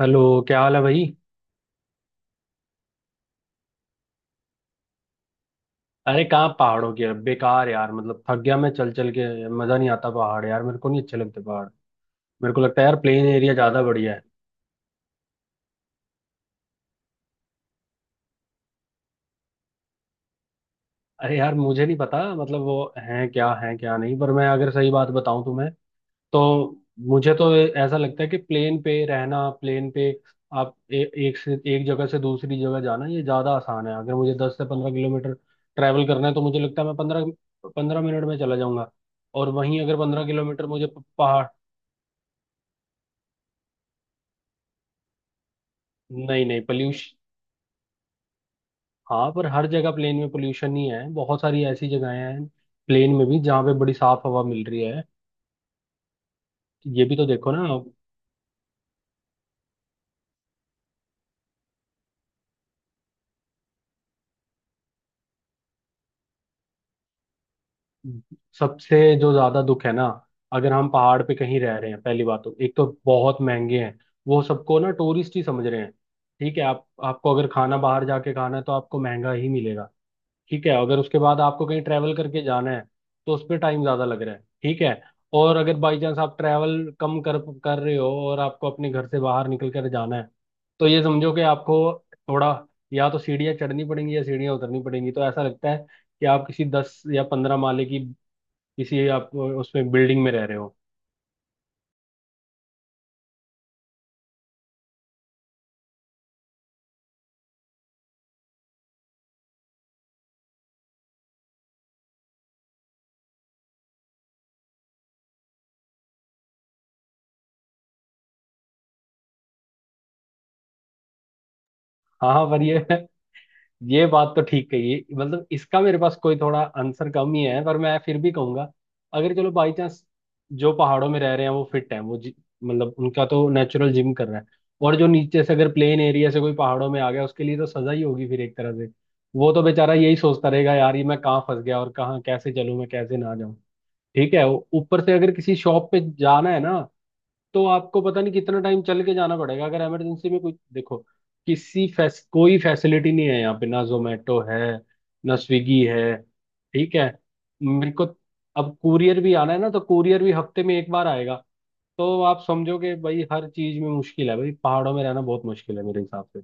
Hello. क्या हाल है भाई? अरे कहाँ, पहाड़ों की बेकार यार, मतलब थक गया मैं चल चल के। मजा नहीं आता पहाड़ यार, मेरे को नहीं अच्छे लगते पहाड़। मेरे को लगता है यार प्लेन एरिया ज्यादा बढ़िया है। अरे यार, मुझे नहीं पता, मतलब वो है क्या नहीं, पर मैं अगर सही बात बताऊं तुम्हें तो मुझे तो ऐसा लगता है कि प्लेन पे रहना, प्लेन पे आप एक से एक जगह से दूसरी जगह जाना ये ज्यादा आसान है। अगर मुझे 10 से 15 किलोमीटर ट्रैवल करना है तो मुझे लगता है मैं पंद्रह पंद्रह मिनट में चला जाऊंगा। और वहीं अगर 15 किलोमीटर मुझे पहाड़, नहीं नहीं, पोल्यूशन। हाँ पर हर जगह प्लेन में पोल्यूशन ही है, बहुत सारी ऐसी जगहें हैं प्लेन में भी जहाँ पे बड़ी साफ हवा मिल रही है। ये भी तो देखो ना। सबसे जो ज्यादा दुख है ना, अगर हम पहाड़ पे कहीं रह रहे हैं, पहली बात तो एक तो बहुत महंगे हैं। वो सबको ना टूरिस्ट ही समझ रहे हैं। ठीक है, आप आपको अगर खाना बाहर जाके खाना है तो आपको महंगा ही मिलेगा। ठीक है, अगर उसके बाद आपको कहीं ट्रैवल करके जाना है तो उस पर टाइम ज़्यादा लग रहा है। ठीक है। और अगर बाई चांस आप ट्रैवल कम कर कर रहे हो और आपको अपने घर से बाहर निकल कर जाना है तो ये समझो कि आपको थोड़ा या तो सीढ़ियाँ चढ़नी पड़ेंगी या सीढ़ियाँ उतरनी पड़ेंगी। तो ऐसा लगता है कि आप किसी 10 या 15 माले की किसी, आप उसमें बिल्डिंग में रह रहे हो। हाँ हाँ, पर ये ये बात तो ठीक कही है। मतलब इसका मेरे पास कोई थोड़ा आंसर कम ही है, पर मैं फिर भी कहूंगा, अगर चलो बाई चांस जो पहाड़ों में रह रहे हैं वो फिट हैं, वो मतलब उनका तो नेचुरल जिम कर रहा है। और जो नीचे से अगर प्लेन एरिया से कोई पहाड़ों में आ गया, उसके लिए तो सजा ही होगी फिर एक तरह से। वो तो बेचारा यही सोचता रहेगा, यार ये मैं कहाँ फंस गया, और कहाँ कैसे चलूं मैं, कैसे ना जाऊं। ठीक है। ऊपर से अगर किसी शॉप पे जाना है ना, तो आपको पता नहीं कितना टाइम चल के जाना पड़ेगा। अगर इमरजेंसी में कोई, देखो, कोई फैसिलिटी नहीं है यहाँ पे, ना जोमेटो है, ना स्विगी है। ठीक है। मेरे को, अब कुरियर भी आना है ना, तो कुरियर भी हफ्ते में एक बार आएगा। तो आप समझो कि भाई हर चीज में मुश्किल है, भाई पहाड़ों में रहना बहुत मुश्किल है मेरे हिसाब से।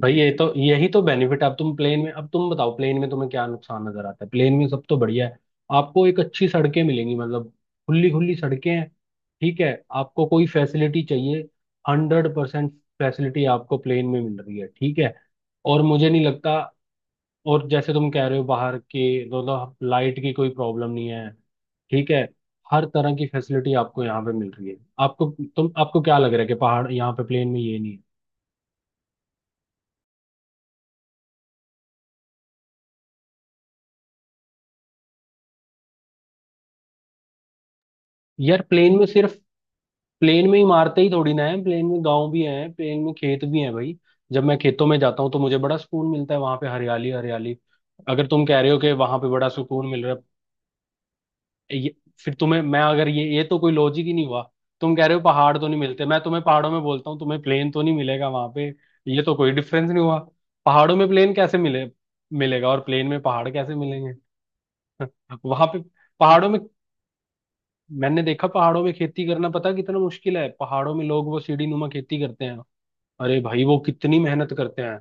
भाई ये तो, यही तो बेनिफिट है। अब तुम प्लेन में, अब तुम बताओ प्लेन में तुम्हें क्या नुकसान नजर आता है? प्लेन में सब तो बढ़िया है। आपको एक अच्छी सड़कें मिलेंगी, मतलब खुली खुली सड़कें हैं। ठीक है। आपको कोई फैसिलिटी चाहिए, हंड्रेड परसेंट फैसिलिटी आपको प्लेन में मिल रही है। ठीक है। और मुझे नहीं लगता, और जैसे तुम कह रहे हो बाहर के, मतलब लाइट की कोई प्रॉब्लम नहीं है। ठीक है। हर तरह की फैसिलिटी आपको यहाँ पे मिल रही है आपको। तुम आपको क्या लग रहा है कि पहाड़, यहाँ पे प्लेन में ये नहीं है यार। प्लेन में सिर्फ प्लेन में ही मारते ही थोड़ी ना है, प्लेन में गांव भी है, प्लेन में खेत भी है भाई। जब मैं खेतों में जाता हूँ तो मुझे बड़ा सुकून मिलता है, वहां पे हरियाली हरियाली। अगर तुम कह रहे हो कि वहां पे बड़ा सुकून मिल रहा है ये, फिर तुम्हें मैं अगर ये ये तो कोई लॉजिक ही नहीं हुआ। तुम कह रहे हो पहाड़ तो नहीं मिलते, मैं तुम्हें पहाड़ों में बोलता हूँ, तुम्हें प्लेन तो नहीं मिलेगा वहां पे। ये तो कोई डिफरेंस नहीं हुआ। पहाड़ों में प्लेन कैसे मिले, मिलेगा, और प्लेन में पहाड़ कैसे मिलेंगे वहां पे? पहाड़ों में मैंने देखा, पहाड़ों में खेती करना पता कितना मुश्किल है। पहाड़ों में लोग वो सीढ़ी नुमा खेती करते हैं। अरे भाई, वो कितनी मेहनत करते हैं।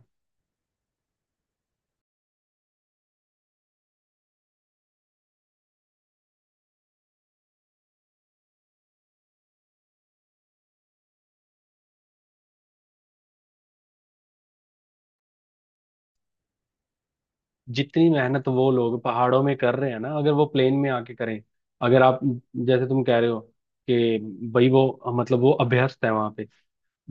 जितनी मेहनत वो लोग पहाड़ों में कर रहे हैं ना, अगर वो प्लेन में आके करें। अगर आप, जैसे तुम कह रहे हो कि भाई वो, मतलब वो अभ्यस्त है वहां पे,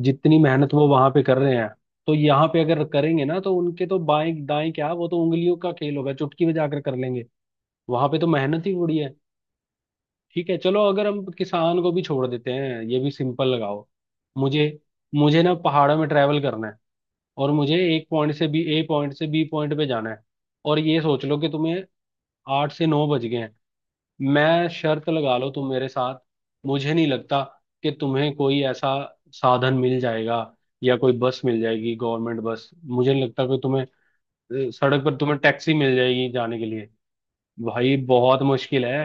जितनी मेहनत वो वहां पे कर रहे हैं तो यहाँ पे अगर करेंगे ना, तो उनके तो बाएं दाएं क्या, वो तो उंगलियों का खेल होगा, चुटकी बजाकर कर लेंगे। वहां पे तो मेहनत ही बड़ी है। ठीक है, चलो, अगर हम किसान को भी छोड़ देते हैं, ये भी सिंपल लगाओ। मुझे मुझे ना पहाड़ों में ट्रैवल करना है, और मुझे एक पॉइंट से बी ए पॉइंट से बी पॉइंट पे जाना है, और ये सोच लो कि तुम्हें 8 से 9 बज गए हैं। मैं शर्त लगा लो तुम मेरे साथ, मुझे नहीं लगता कि तुम्हें कोई ऐसा साधन मिल जाएगा, या कोई बस मिल जाएगी, गवर्नमेंट बस। मुझे नहीं लगता कि तुम्हें सड़क पर तुम्हें टैक्सी मिल जाएगी जाने के लिए। भाई बहुत मुश्किल है।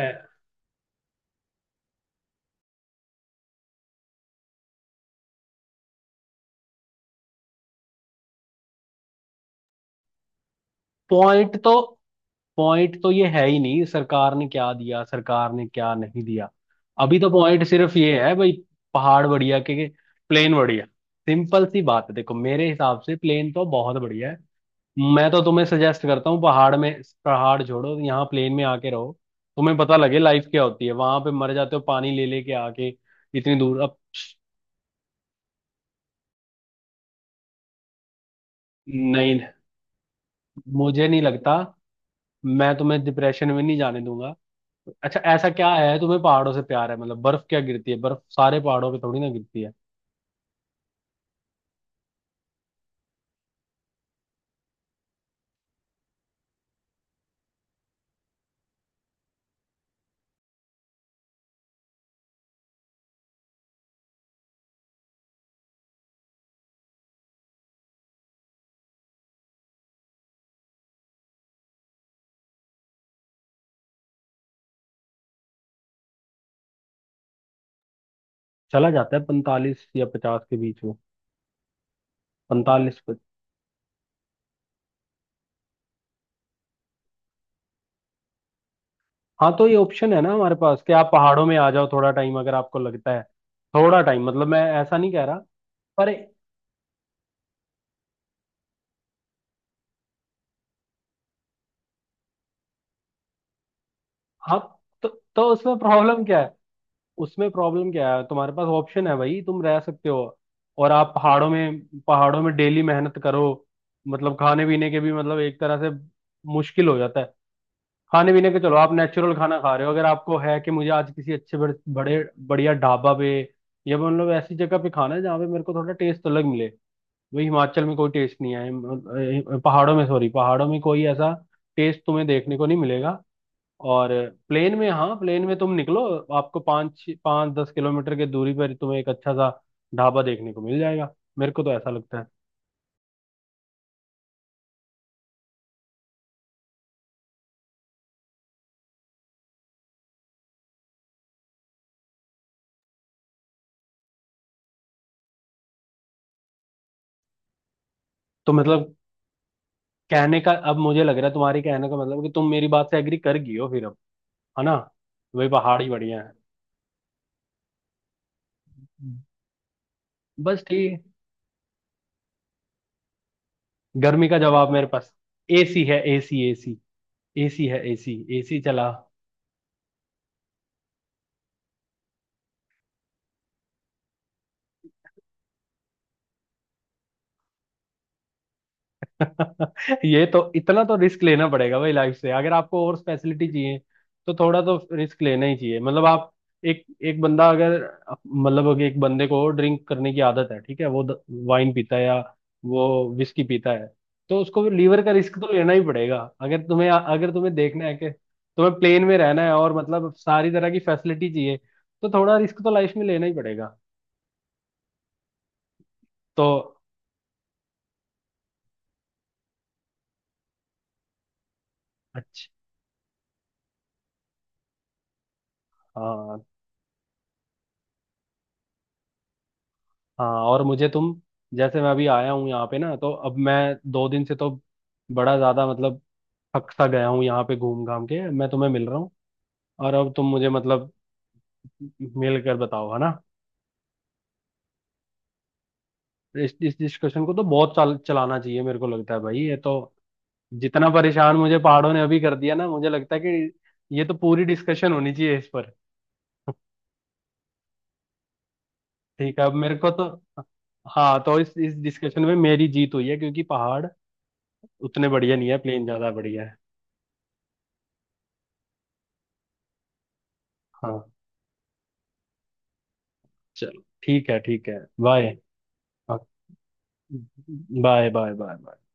पॉइंट तो पॉइंट तो ये है ही नहीं, सरकार ने क्या दिया सरकार ने क्या नहीं दिया। अभी तो पॉइंट सिर्फ ये है भाई, पहाड़ बढ़िया के प्लेन बढ़िया। सिंपल सी बात है, देखो मेरे हिसाब से प्लेन तो बहुत बढ़िया है। मैं तो तुम्हें सजेस्ट करता हूँ, पहाड़ में, पहाड़ छोड़ो, यहाँ प्लेन में आके रहो, तुम्हें पता लगे लाइफ क्या होती है। वहां पे मर जाते हो पानी ले लेके आके इतनी दूर अब। नहीं, मुझे नहीं लगता, मैं तुम्हें डिप्रेशन में नहीं जाने दूंगा। अच्छा ऐसा क्या है तुम्हें पहाड़ों से प्यार है? मतलब बर्फ क्या गिरती है, बर्फ सारे पहाड़ों पे थोड़ी ना गिरती है। चला जाता है 45 या 50 के बीच में। 45 पे। हाँ तो ये ऑप्शन है ना हमारे पास कि आप पहाड़ों में आ जाओ थोड़ा टाइम, अगर आपको लगता है। थोड़ा टाइम, मतलब मैं ऐसा नहीं कह रहा, पर हाँ। तो, तो उसमें प्रॉब्लम क्या है, उसमें प्रॉब्लम क्या है? तुम्हारे पास ऑप्शन है भाई, तुम रह सकते हो। और आप पहाड़ों में, पहाड़ों में डेली मेहनत करो, मतलब खाने पीने के भी, मतलब एक तरह से मुश्किल हो जाता है। खाने पीने के, चलो आप नेचुरल खाना खा रहे हो। अगर आपको है कि मुझे आज किसी अच्छे बड़े बड़े बढ़िया ढाबा पे या मतलब ऐसी जगह पे खाना है जहाँ पे मेरे को थोड़ा टेस्ट अलग मिले, वही हिमाचल में कोई टेस्ट नहीं है, पहाड़ों में, सॉरी, पहाड़ों में कोई ऐसा टेस्ट तुम्हें देखने को नहीं मिलेगा। और प्लेन में, हाँ प्लेन में तुम निकलो, आपको पाँच पाँच 10 किलोमीटर के दूरी पर तुम्हें एक अच्छा सा ढाबा देखने को मिल जाएगा। मेरे को तो ऐसा लगता है। तो मतलब कहने का, अब मुझे लग रहा है तुम्हारी, कहने का मतलब कि तुम मेरी बात से एग्री कर गई हो फिर, है ना? तो भाई पहाड़ ही बढ़िया है। हम्म। बस ठीक। गर्मी का जवाब मेरे पास एसी है, एसी, एसी। एसी है एसी। एसी चला। ये तो इतना तो रिस्क लेना पड़ेगा भाई लाइफ से, अगर आपको और स्पेशलिटी चाहिए तो थोड़ा तो रिस्क लेना ही चाहिए। मतलब आप एक एक बंदा अगर, मतलब अगर एक बंदे को ड्रिंक करने की आदत है ठीक है, वो वाइन पीता है या वो विस्की पीता है, तो उसको लीवर का रिस्क तो लेना ही पड़ेगा। अगर तुम्हें, अगर तुम्हें देखना है कि तुम्हें प्लेन में रहना है और मतलब सारी तरह की फैसिलिटी चाहिए, तो थोड़ा रिस्क तो लाइफ में लेना ही पड़ेगा। तो अच्छा। हाँ हाँ। और मुझे तुम, जैसे मैं अभी आया हूँ यहाँ पे ना, तो अब मैं 2 दिन से तो बड़ा ज्यादा मतलब थक सा गया हूँ यहाँ पे घूम घाम के। मैं तुम्हें मिल रहा हूँ, और अब तुम मुझे, मतलब मिल कर बताओ, है ना? इस डिस्कशन को तो बहुत चाल चलाना चाहिए मेरे को लगता है भाई। ये तो, जितना परेशान मुझे पहाड़ों ने अभी कर दिया ना, मुझे लगता है कि ये तो पूरी डिस्कशन होनी चाहिए इस पर। ठीक है, अब मेरे को तो, हाँ। तो इस डिस्कशन में मेरी जीत हुई है क्योंकि पहाड़ उतने बढ़िया नहीं है, प्लेन ज्यादा बढ़िया है। हाँ, चलो ठीक है ठीक है। Bye, bye bye bye.